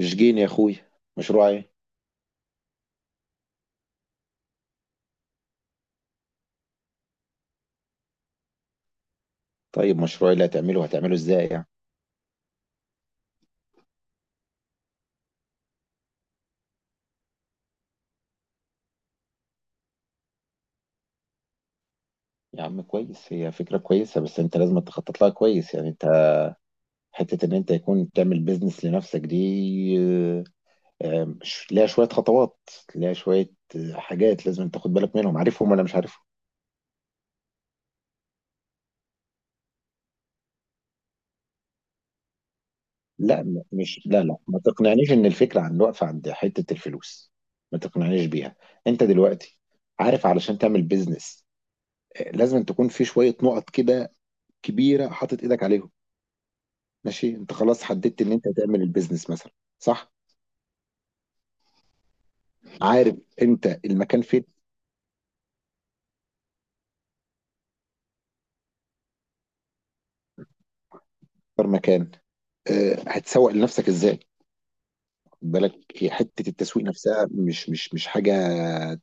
جين يا اخويا. مشروع ايه؟ طيب، مشروع اللي هتعمله ازاي يعني؟ يا عم كويس، هي فكرة كويسة بس انت لازم تخطط لها كويس، يعني انت حتة ان انت يكون تعمل بيزنس لنفسك دي. آه، ليها شوية خطوات، ليها شوية حاجات لازم تاخد بالك منهم، عارفهم ولا مش عارفهم؟ لا، مش، لا لا، ما تقنعنيش ان الفكرة عن واقفة عند حتة الفلوس. ما تقنعنيش بيها. انت دلوقتي عارف علشان تعمل بيزنس لازم تكون في شوية نقط كده كبيرة حاطط ايدك عليهم. ماشي، انت خلاص حددت ان انت هتعمل البيزنس مثلا. صح. عارف انت المكان فين؟ اكتر مكان. اه، هتسوق لنفسك ازاي؟ خد بالك، هي حته التسويق نفسها مش حاجه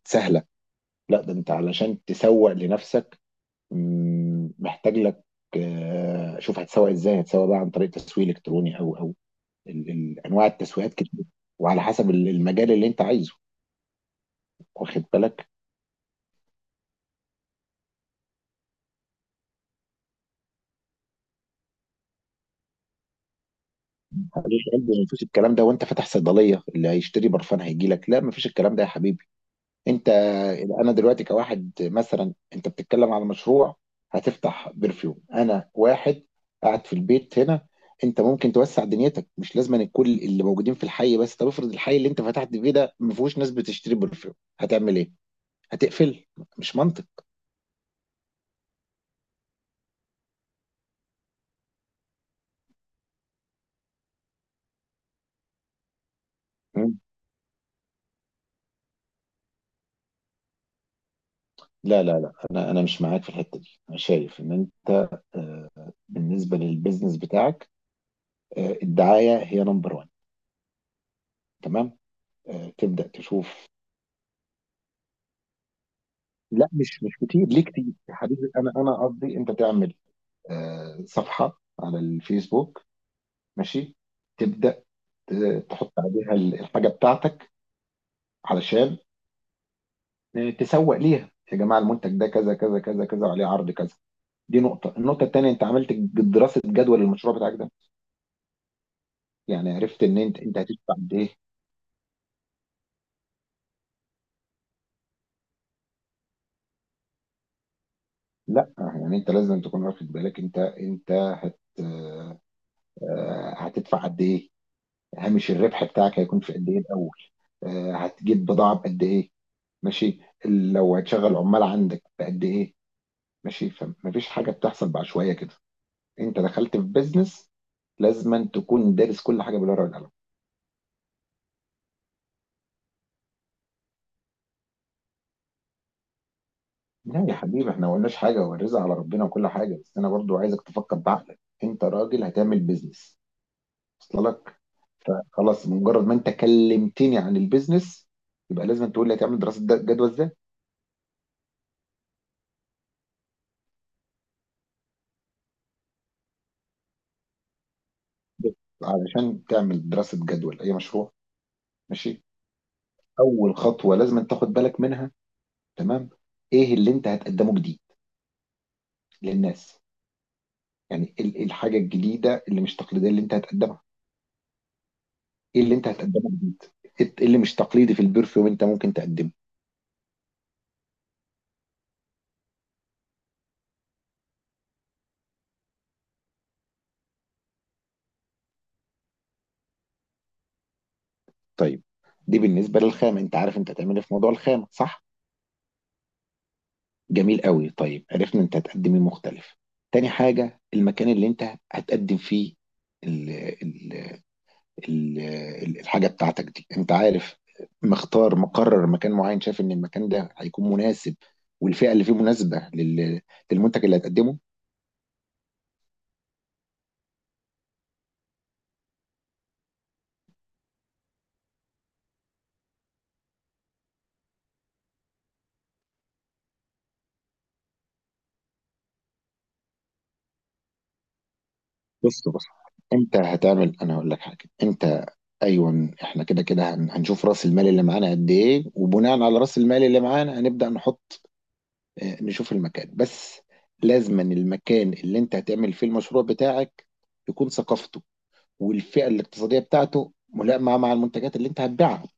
سهله. لا ده انت علشان تسوق لنفسك محتاج لك. اه، شوف، هتسوق ازاي؟ هتسوق بقى عن طريق تسويق الكتروني او، انواع التسويقات كتير، وعلى حسب المجال اللي انت عايزه، واخد بالك. مفيش الكلام ده وانت فاتح صيدليه اللي هيشتري برفان هيجي لك؟ لا مفيش الكلام ده يا حبيبي. انت، انا دلوقتي كواحد مثلا، انت بتتكلم على مشروع هتفتح برفيوم، انا واحد قاعد في البيت هنا. انت ممكن توسع دنيتك، مش لازم أن كل اللي موجودين في الحي بس. طب افرض الحي اللي انت فتحت فيه ده ما فيهوش ناس بتشتري برفيوم، هتعمل ايه؟ هتقفل؟ مش منطق. مم. لا لا لا، انا مش معاك في الحته دي. انا شايف ان انت آه، بالنسبه للبيزنس بتاعك الدعايه هي نمبر 1. تمام؟ تبدا تشوف. لا، مش كتير، ليه كتير يا حبيبي؟ انا قصدي انت تعمل صفحه على الفيسبوك، ماشي، تبدا، ت- تحط عليها الحاجه بتاعتك، علشان تسوق ليها. يا جماعه، المنتج ده كذا كذا كذا كذا وعليه عرض كذا. دي نقطه. النقطه الثانيه، انت عملت دراسه جدوى للمشروع بتاعك ده؟ يعني عرفت ان انت هتدفع قد ايه؟ لا يعني انت لازم تكون واخد بالك، انت انت هت آه، آه، هتدفع قد ايه؟ هامش الربح بتاعك هيكون في قد ايه الاول؟ هتجيب بضاعه بقد ايه؟ ماشي. لو هتشغل عمال عندك بقد ايه؟ ماشي. فمفيش حاجه بتحصل بعشوائيه كده. انت دخلت في بيزنس، لازما تكون دارس كل حاجه بالورقه والقلم. لا يا حبيبي، احنا ما قلناش حاجه، هو الرزق على ربنا وكل حاجه، بس انا برضو عايزك تفكر بعقلك، انت راجل هتعمل بيزنس. وصل لك؟ خلاص، مجرد ما انت كلمتني عن البيزنس يبقى لازم تقول لي هتعمل دراسه جدوى ازاي. بس، علشان تعمل دراسه جدوى لاي مشروع، ماشي، اول خطوه لازم أن تاخد بالك منها، تمام، ايه اللي انت هتقدمه جديد للناس؟ يعني ايه، إيه الحاجه الجديده اللي مش تقليديه اللي انت هتقدمها؟ ايه اللي انت هتقدمه جديد؟ ايه اللي مش تقليدي في البرفيوم انت ممكن تقدمه؟ طيب، دي بالنسبه للخامه. انت عارف انت هتعمل إيه في موضوع الخامه، صح؟ جميل قوي. طيب، عرفنا انت هتقدم ايه مختلف. تاني حاجه، المكان اللي انت هتقدم فيه ال- الحاجة بتاعتك دي، انت عارف، مختار، مقرر مكان معين، شايف ان المكان ده هيكون مناسب والفئة اللي فيه مناسبة للمنتج اللي هتقدمه؟ بص بص، انت هتعمل، انا هقول لك حاجة. انت، ايوه احنا كده كده هنشوف راس المال اللي معانا قد ايه، وبناء على راس المال اللي معانا هنبدأ نحط، اه، نشوف المكان بس. لازما المكان اللي انت هتعمل فيه المشروع بتاعك يكون ثقافته والفئة الاقتصادية بتاعته ملائمة مع المنتجات اللي انت هتبيعها.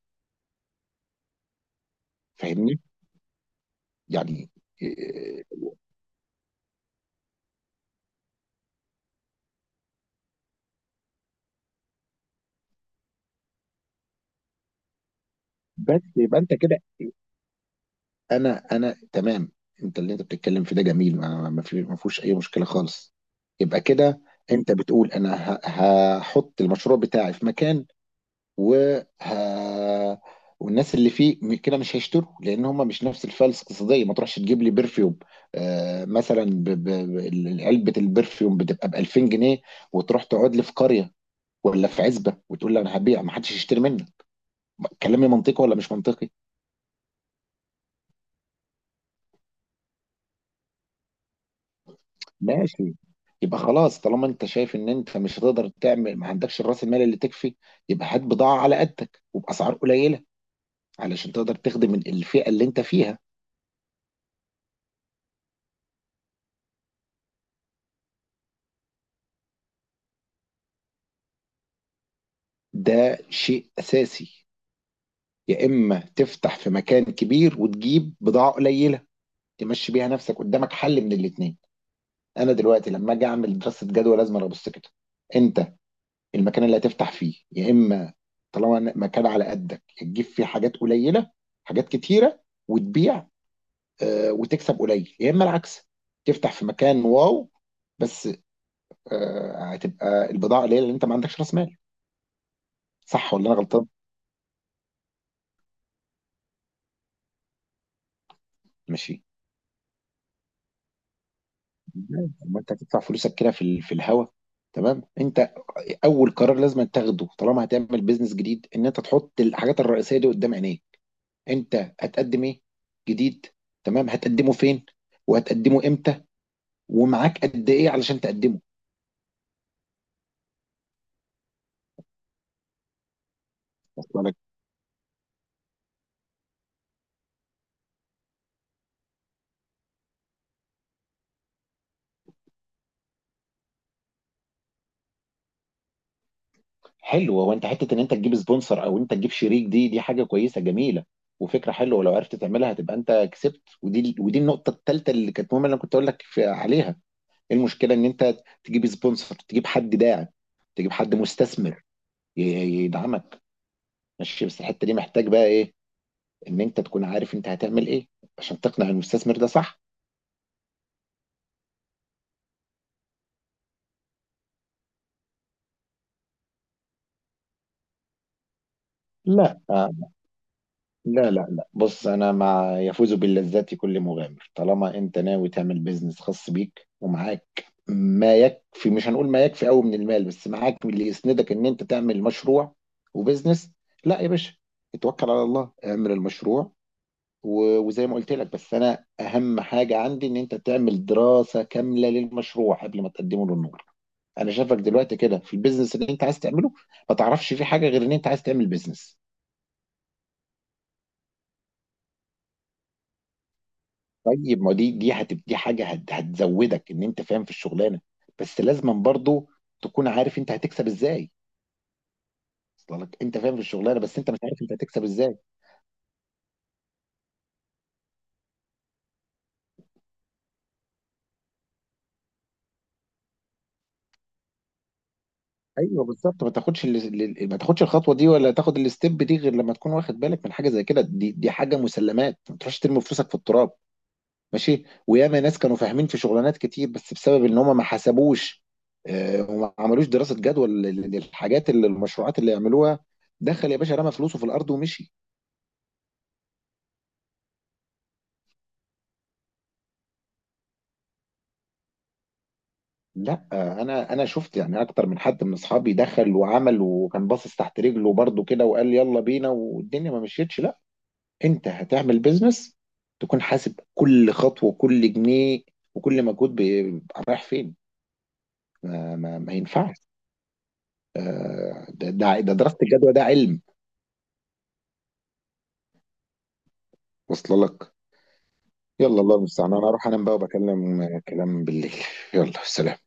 فاهمني يعني؟ إيه، بس يبقى انت كده. انا تمام. انت، اللي انت بتتكلم في ده جميل، ما ما ما فيهوش اي مشكله خالص. يبقى كده انت بتقول انا هحط المشروع بتاعي في مكان وه... والناس اللي فيه كده مش هيشتروا لان هم مش نفس الفلسفه الاقتصاديه. ما تروحش تجيب لي برفيوم آه مثلا علبه البرفيوم بتبقى ب 2000 جنيه وتروح تقعد لي في قريه ولا في عزبه وتقول لي انا هبيع، ما حدش يشتري منك. كلامي منطقي ولا مش منطقي؟ ماشي، يبقى خلاص، طالما انت شايف ان انت مش هتقدر تعمل، ما عندكش راس المال اللي تكفي، يبقى هات بضاعة على قدك وبأسعار قليلة علشان تقدر تخدم الفئة اللي انت فيها. ده شيء أساسي. يا إما تفتح في مكان كبير وتجيب بضاعة قليلة تمشي بيها نفسك قدامك. حل من الاتنين. أنا دلوقتي لما أجي أعمل دراسة جدوى لازم أنا أبص كده. أنت المكان اللي هتفتح فيه، يا إما طالما مكان على قدك، يا تجيب فيه حاجات قليلة، حاجات كتيرة، وتبيع وتكسب قليل، يا اما العكس، تفتح في مكان واو بس هتبقى البضاعه قليله لان انت ما عندكش راس مال. صح ولا انا غلطان؟ ماشي. ازاي؟ اما انت هتدفع فلوسك كده في في الهوا. تمام. انت اول قرار لازم تاخده طالما هتعمل بيزنس جديد ان انت تحط الحاجات الرئيسيه دي قدام عينيك. انت هتقدم ايه جديد؟ تمام، هتقدمه فين؟ وهتقدمه امتى؟ ومعاك قد ايه علشان تقدمه؟ حلو، هو انت حته ان انت تجيب سبونسر او انت تجيب شريك، دي حاجه كويسه جميله وفكره حلوه، ولو عرفت تعملها هتبقى انت كسبت، ودي النقطه الثالثه اللي كانت مهمه اللي انا كنت اقول لك عليها. ايه المشكله ان انت تجيب سبونسر، تجيب حد داعم، تجيب حد مستثمر يدعمك؟ ماشي، بس الحته دي محتاج بقى ايه؟ ان انت تكون عارف انت هتعمل ايه عشان تقنع المستثمر ده، صح؟ لا لا لا لا، بص، انا مع يفوز باللذات كل مغامر، طالما انت ناوي تعمل بيزنس خاص بيك ومعاك ما يكفي، مش هنقول ما يكفي قوي من المال، بس معاك اللي يسندك ان انت تعمل مشروع وبيزنس. لا يا باشا، اتوكل على الله اعمل المشروع. وزي ما قلت لك، بس انا اهم حاجة عندي ان انت تعمل دراسة كاملة للمشروع قبل ما تقدمه للنور. انا شايفك دلوقتي كده في البيزنس اللي انت عايز تعمله ما تعرفش فيه حاجة غير ان انت عايز تعمل بيزنس. طيب، ما دي هتبقى حاجه هتزودك ان انت فاهم في الشغلانه، بس لازما برضو تكون عارف انت هتكسب ازاي. اصل لك انت فاهم في الشغلانه بس انت مش عارف انت هتكسب ازاي. ايوه بالظبط، ما تاخدش ما تاخدش الخطوه دي ولا تاخد الستيب دي غير لما تكون واخد بالك من حاجه زي كده. دي حاجه مسلمات. ما تروحش ترمي فلوسك في التراب. ماشي؟ وياما ناس كانوا فاهمين في شغلانات كتير بس بسبب ان هم ما حسبوش وما عملوش دراسه جدوى للحاجات اللي المشروعات اللي يعملوها، دخل يا باشا رمى فلوسه في الارض ومشي. لا، انا شفت يعني اكتر من حد من اصحابي دخل وعمل وكان باصص تحت رجله برضه كده وقال يلا بينا والدنيا ما مشيتش. لا، انت هتعمل بيزنس تكون حاسب كل خطوه وكل جنيه وكل مجهود رايح فين. ما ينفعش. ده دراسه الجدوى ده علم. وصل لك؟ يلا، الله المستعان، انا اروح انام بقى وبكلم كلام بالليل. يلا سلام.